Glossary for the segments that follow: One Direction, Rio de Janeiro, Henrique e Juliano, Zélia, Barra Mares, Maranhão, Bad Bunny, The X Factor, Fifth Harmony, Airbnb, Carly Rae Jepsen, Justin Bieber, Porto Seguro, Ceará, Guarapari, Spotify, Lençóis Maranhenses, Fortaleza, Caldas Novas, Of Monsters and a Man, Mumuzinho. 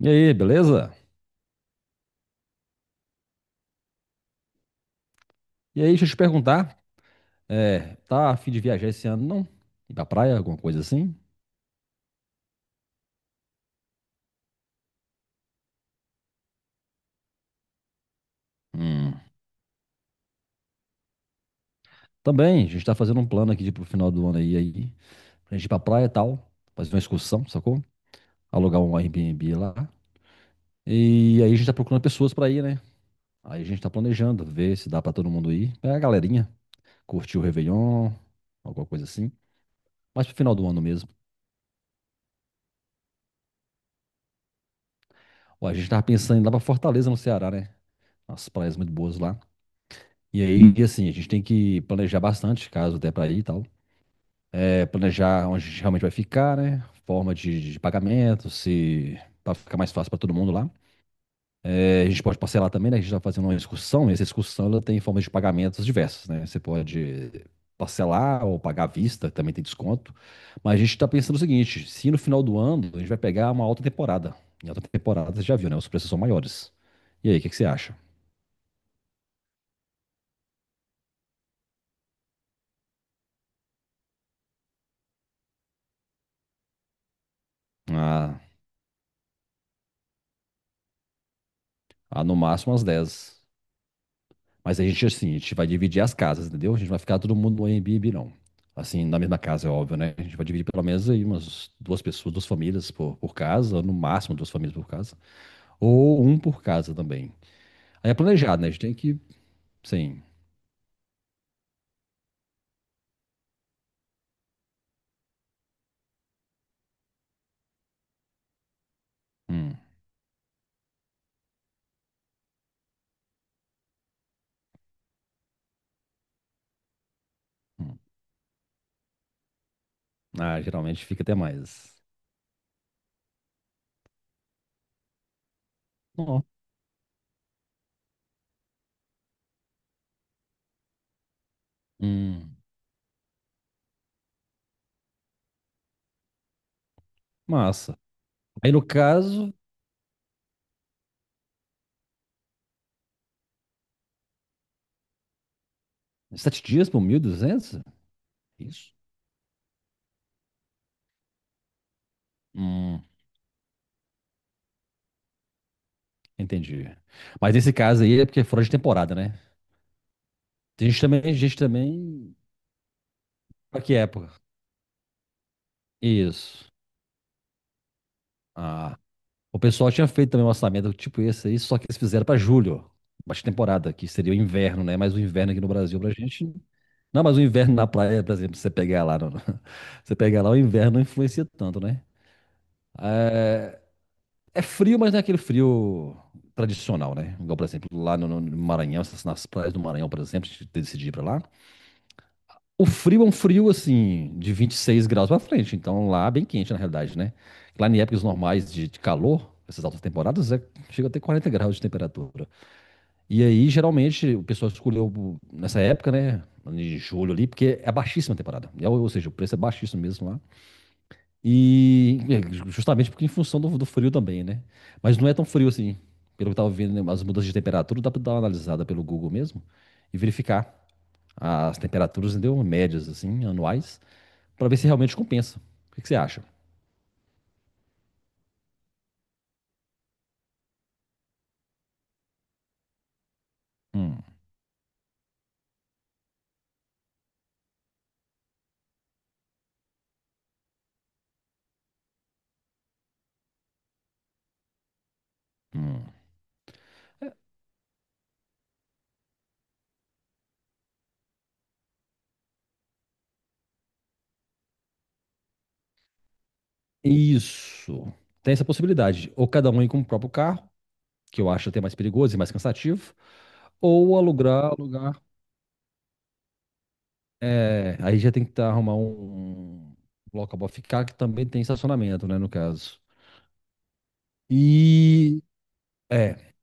E aí, beleza? E aí, deixa eu te perguntar, tá a fim de viajar esse ano, não? Ir pra praia, alguma coisa assim? Hum. Também, a gente tá fazendo um plano aqui de, pro final do ano aí, pra gente ir pra praia e tal, fazer uma excursão, sacou? Alugar um Airbnb lá. E aí a gente tá procurando pessoas pra ir, né? Aí a gente tá planejando, ver se dá pra todo mundo ir. É a galerinha, curtir o Réveillon, alguma coisa assim. Mas pro final do ano mesmo. Ó, a gente tava pensando em ir lá pra Fortaleza, no Ceará, né? As praias muito boas lá. E aí, e assim, a gente tem que planejar bastante, caso até para ir e tal. É, planejar onde a gente realmente vai ficar, né? Forma de pagamento, se para ficar mais fácil para todo mundo lá. É, a gente pode parcelar também, né? A gente está fazendo uma excursão, e essa excursão ela tem formas de pagamentos diversas, né? Você pode parcelar ou pagar à vista, também tem desconto. Mas a gente está pensando o seguinte: se no final do ano a gente vai pegar uma alta temporada. Em alta temporada, você já viu, né? Os preços são maiores. E aí, o que que você acha? Ah, ah, no máximo umas 10. Mas a gente, assim, a gente vai dividir as casas, entendeu? A gente não vai ficar todo mundo no Airbnb, não. Assim, na mesma casa, é óbvio, né? A gente vai dividir pelo menos aí umas duas pessoas, duas famílias por casa, ou no máximo duas famílias por casa. Ou um por casa também. Aí é planejado, né? A gente tem que, sim. Hum, hum. Ah, geralmente fica até mais. Ó, hum, massa. Aí no caso, 7 dias por 1.200. Isso. Hum, entendi. Mas nesse caso aí é porque é fora de temporada, né? Tem gente também. Pra que época? Isso. Ah, o pessoal tinha feito também um orçamento tipo esse aí, só que eles fizeram para julho, baixa temporada, que seria o inverno, né? Mas o inverno aqui no Brasil pra gente. Não, mas o inverno na praia, por exemplo, você pegar lá, você pegar lá, o inverno não influencia tanto, né? É frio, mas não é aquele frio tradicional, né? Igual, por exemplo, lá no Maranhão, nas praias do Maranhão, por exemplo, a gente decidir ir pra lá. O frio é um frio assim, de 26 graus pra frente, então lá bem quente na realidade, né? Lá em épocas normais de calor, essas altas temporadas, chega até 40 graus de temperatura. E aí, geralmente, o pessoal escolheu nessa época, né? Em julho ali, porque é baixíssima a temporada. Ou seja, o preço é baixíssimo mesmo lá. E justamente porque em função do frio também, né? Mas não é tão frio assim. Pelo que eu tava vendo, né, as mudanças de temperatura, dá pra dar uma analisada pelo Google mesmo e verificar as temperaturas, entendeu? Médias, assim, anuais, para ver se realmente compensa. O que que você acha? Hum, hum. É, isso. Tem essa possibilidade. Ou cada um ir com o próprio carro, que eu acho até mais perigoso e mais cansativo, ou alugar, alugar. É, aí já tem que tá, arrumar um local para ficar, que também tem estacionamento, né, no caso. E é,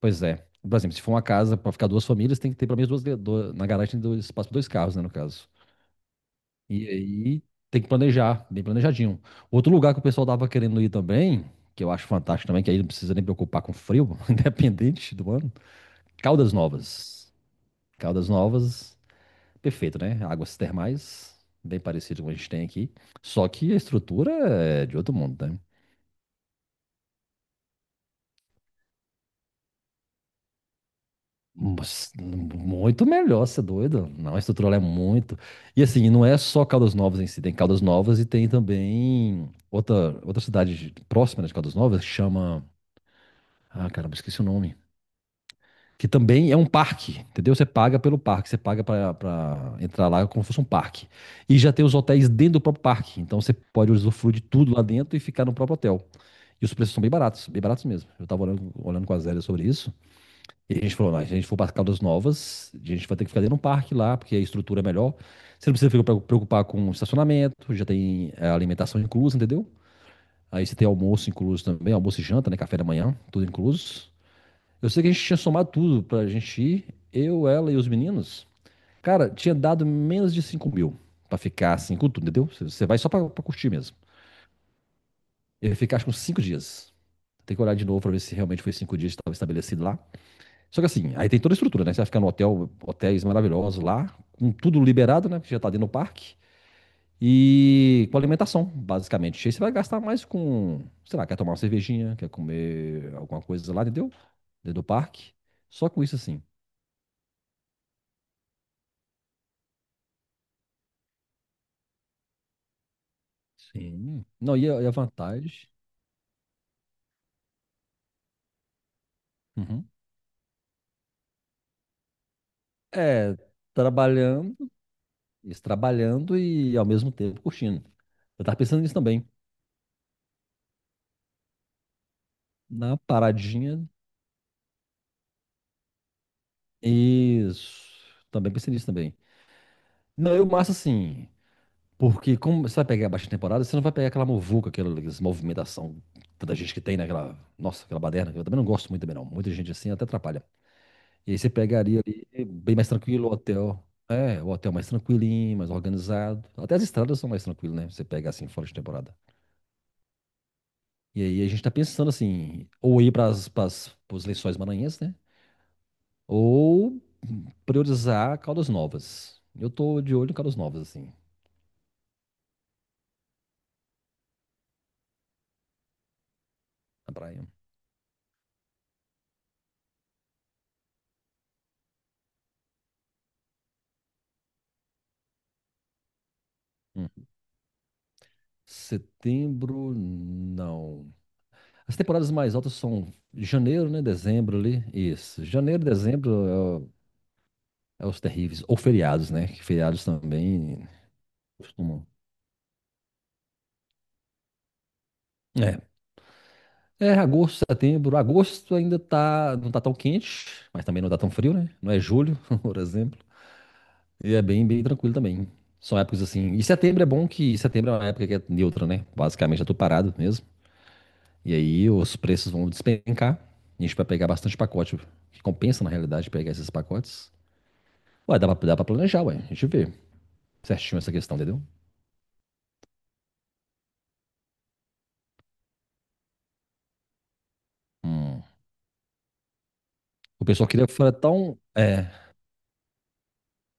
Pois é. Por exemplo, se for uma casa para ficar duas famílias, tem que ter pelo menos na garagem tem dois, espaço para dois carros, né, no caso. E aí tem que planejar, bem planejadinho. Outro lugar que o pessoal tava querendo ir também, que eu acho fantástico também, que aí não precisa nem preocupar com frio, independente do ano. Caldas Novas. Caldas Novas, perfeito, né? Águas termais, bem parecido com o que a gente tem aqui. Só que a estrutura é de outro mundo, né? Mas, muito melhor, você é doido? Não, a estrutura lá é muito. E assim, não é só Caldas Novas em si, tem Caldas Novas e tem também outra cidade próxima né, de Caldas Novas que chama. Ah, caramba, esqueci o nome. Que também é um parque, entendeu? Você paga pelo parque, você paga pra entrar lá como se fosse um parque. E já tem os hotéis dentro do próprio parque, então você pode usufruir de tudo lá dentro e ficar no próprio hotel. E os preços são bem baratos mesmo. Eu tava olhando com a Zélia sobre isso, e a gente falou: "Não, se a gente for para Caldas Novas, a gente vai ter que ficar dentro de um parque lá, porque a estrutura é melhor. Você não precisa ficar preocupar com estacionamento, já tem alimentação inclusa, entendeu? Aí você tem almoço incluso também, almoço e janta, né? Café da manhã, tudo incluso. Eu sei que a gente tinha somado tudo pra gente ir, eu, ela e os meninos. Cara, tinha dado menos de 5 mil pra ficar assim com tudo, entendeu? Você vai só pra curtir mesmo. Eu ia ficar acho que uns 5 dias. Tem que olhar de novo pra ver se realmente foi 5 dias que estava estabelecido lá. Só que assim, aí tem toda a estrutura, né? Você vai ficar no hotel, hotéis maravilhosos lá, com tudo liberado, né? Que já tá dentro do parque. E com alimentação, basicamente. Aí você vai gastar mais com, sei lá, quer tomar uma cervejinha, quer comer alguma coisa lá, entendeu? Dentro do parque. Só com isso assim. Sim. Não, e a vantagem? Uhum. É, trabalhando, isso, trabalhando e ao mesmo tempo curtindo. Eu tava pensando nisso também. Na paradinha. Isso. Também pensei nisso também. Não, eu massa assim. Porque como você vai pegar a baixa temporada, você não vai pegar aquela muvuca, aquela movimentação, tanta gente que tem naquela. Nossa, aquela baderna. Eu também não gosto muito também, não. Muita gente assim até atrapalha. E aí você pegaria ali é bem mais tranquilo o hotel. É, o hotel mais tranquilinho, mais organizado. Até as estradas são mais tranquilas, né? Você pega assim fora de temporada. E aí a gente tá pensando assim, ou ir para os Lençóis Maranhenses, né? Ou priorizar Caldas Novas. Eu tô de olho em Caldas Novas, assim, na praia. Hum. Setembro, não. As temporadas mais altas são janeiro, né? Dezembro ali. Isso. Janeiro, dezembro é os terríveis. Ou feriados, né? Que feriados também. Costuma. É. É, agosto, setembro. Agosto ainda tá, não tá tão quente, mas também não tá tão frio, né? Não é julho, por exemplo. E é bem, bem tranquilo também. São épocas assim. E setembro é bom que setembro é uma época que é neutra, né? Basicamente já tô parado mesmo. E aí os preços vão despencar. A gente vai pegar bastante pacote. Que compensa, na realidade, pegar esses pacotes. Ué, dá pra planejar, ué. A gente vê certinho essa questão, entendeu? Hum. O pessoal queria fretar um. É,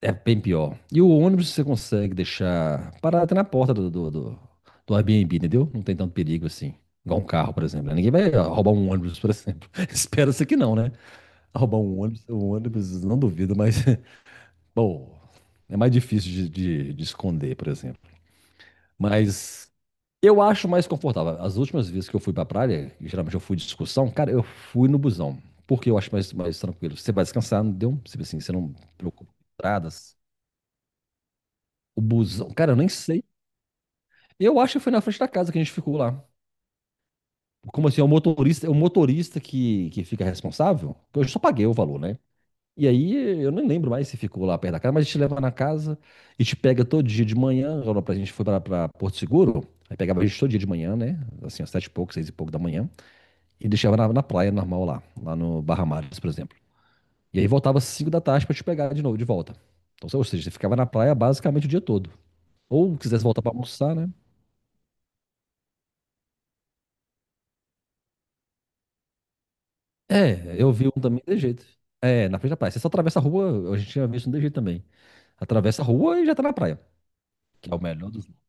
É bem pior. E o ônibus você consegue deixar parado até na porta do Airbnb, entendeu? Não tem tanto perigo assim. Igual um carro, por exemplo, né? Ninguém vai ó, roubar um ônibus, por exemplo. Espera-se que não, né? Roubar um ônibus, não duvido, mas, bom, é mais difícil de esconder, por exemplo. Mas eu acho mais confortável. As últimas vezes que eu fui pra praia, e geralmente eu fui de excursão, cara, eu fui no busão. Porque eu acho mais tranquilo. Você vai descansar, não deu? Tipo assim, você não preocupa com entradas. O busão, cara, eu nem sei. Eu acho que foi na frente da casa que a gente ficou lá. Como assim, é o motorista que fica responsável? Eu só paguei o valor, né? E aí eu nem lembro mais se ficou lá perto da casa, mas a gente te leva na casa e te pega todo dia de manhã. Agora a gente foi pra Porto Seguro, aí pegava a gente todo dia de manhã, né? Assim, às 7 e pouco, 6 e pouco da manhã, e deixava na praia normal lá no Barra Mares, por exemplo. E aí voltava às 5 da tarde pra te pegar de novo, de volta. Então, ou seja, você ficava na praia basicamente o dia todo. Ou quisesse voltar pra almoçar, né? É, eu vi um também de jeito. É, na frente da praia. Você só atravessa a rua, a gente tinha visto um de jeito também. Atravessa a rua e já tá na praia. Que é o melhor dos mundos.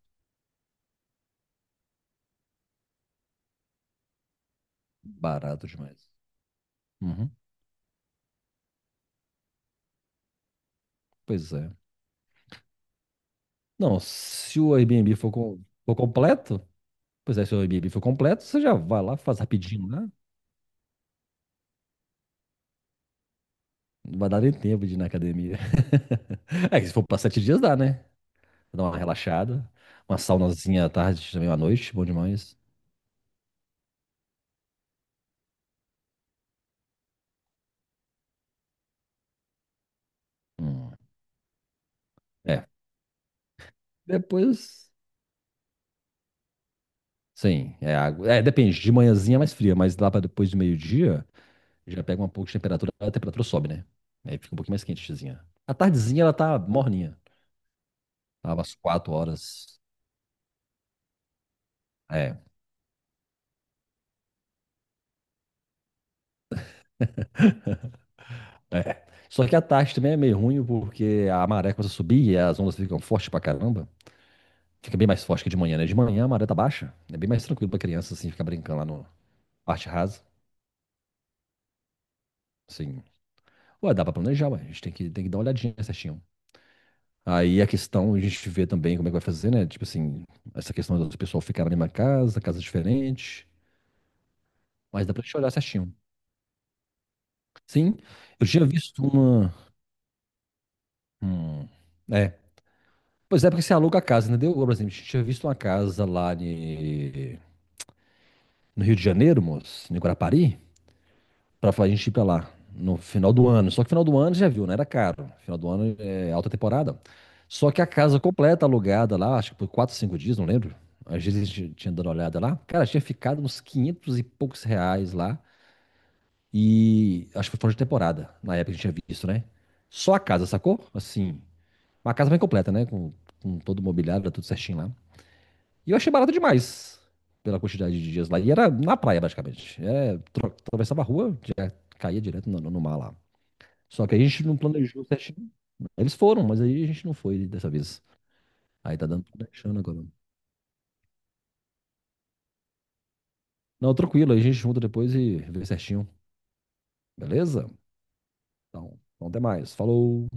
Barato demais. Uhum, pois é. Não, se o Airbnb for, for completo, pois é, se o Airbnb for completo, você já vai lá, faz rapidinho lá. Não vai dar nem tempo de ir na academia. É que se for pra 7 dias dá, né? Dá uma relaxada. Uma saunazinha à tarde, também à noite, bom demais. Hum, é. Depois. Sim, é água. É, depende, de manhãzinha é mais fria, mas lá para depois do meio-dia já pega um pouco de temperatura, a temperatura sobe, né? Aí fica um pouquinho mais quentezinha. A tardezinha ela tá morninha, tava às 4 horas. É, é. Só que a tarde também é meio ruim porque a maré começa a subir e as ondas ficam fortes pra caramba. Fica bem mais forte que de manhã, né? De manhã a maré tá baixa, é bem mais tranquilo pra criança assim ficar brincando lá no parte rasa. Sim, ué, dá pra planejar, ué. A gente tem que dar uma olhadinha certinho. Aí a questão, a gente vê também como é que vai fazer, né? Tipo assim, essa questão do pessoal ficar na mesma casa, casa diferente. Mas dá pra gente olhar certinho. Sim, eu tinha visto uma. Hum, é. Pois é, porque você aluga a casa, entendeu? Por exemplo, a gente tinha visto uma casa lá no Rio de Janeiro, moço, em Guarapari. Pra a gente ir pra lá no final do ano. Só que final do ano já viu, né? Era caro. Final do ano é alta temporada. Só que a casa completa alugada lá, acho que por 4, 5 dias, não lembro. Às vezes a gente tinha dado uma olhada lá. Cara, tinha ficado uns 500 e poucos reais lá. E acho que foi fora de temporada, na época que a gente tinha visto, né? Só a casa, sacou? Assim, uma casa bem completa, né? Com todo o mobiliário, tudo certinho lá. E eu achei barato demais pela quantidade de dias lá. E era na praia, basicamente. É, atravessava a rua, já caía direto no mar lá. Só que aí a gente não planejou certinho. Eles foram, mas aí a gente não foi dessa vez. Aí tá dando planejando agora. Não, tranquilo, aí a gente junta depois e vê certinho. Beleza? Então, até mais. Falou!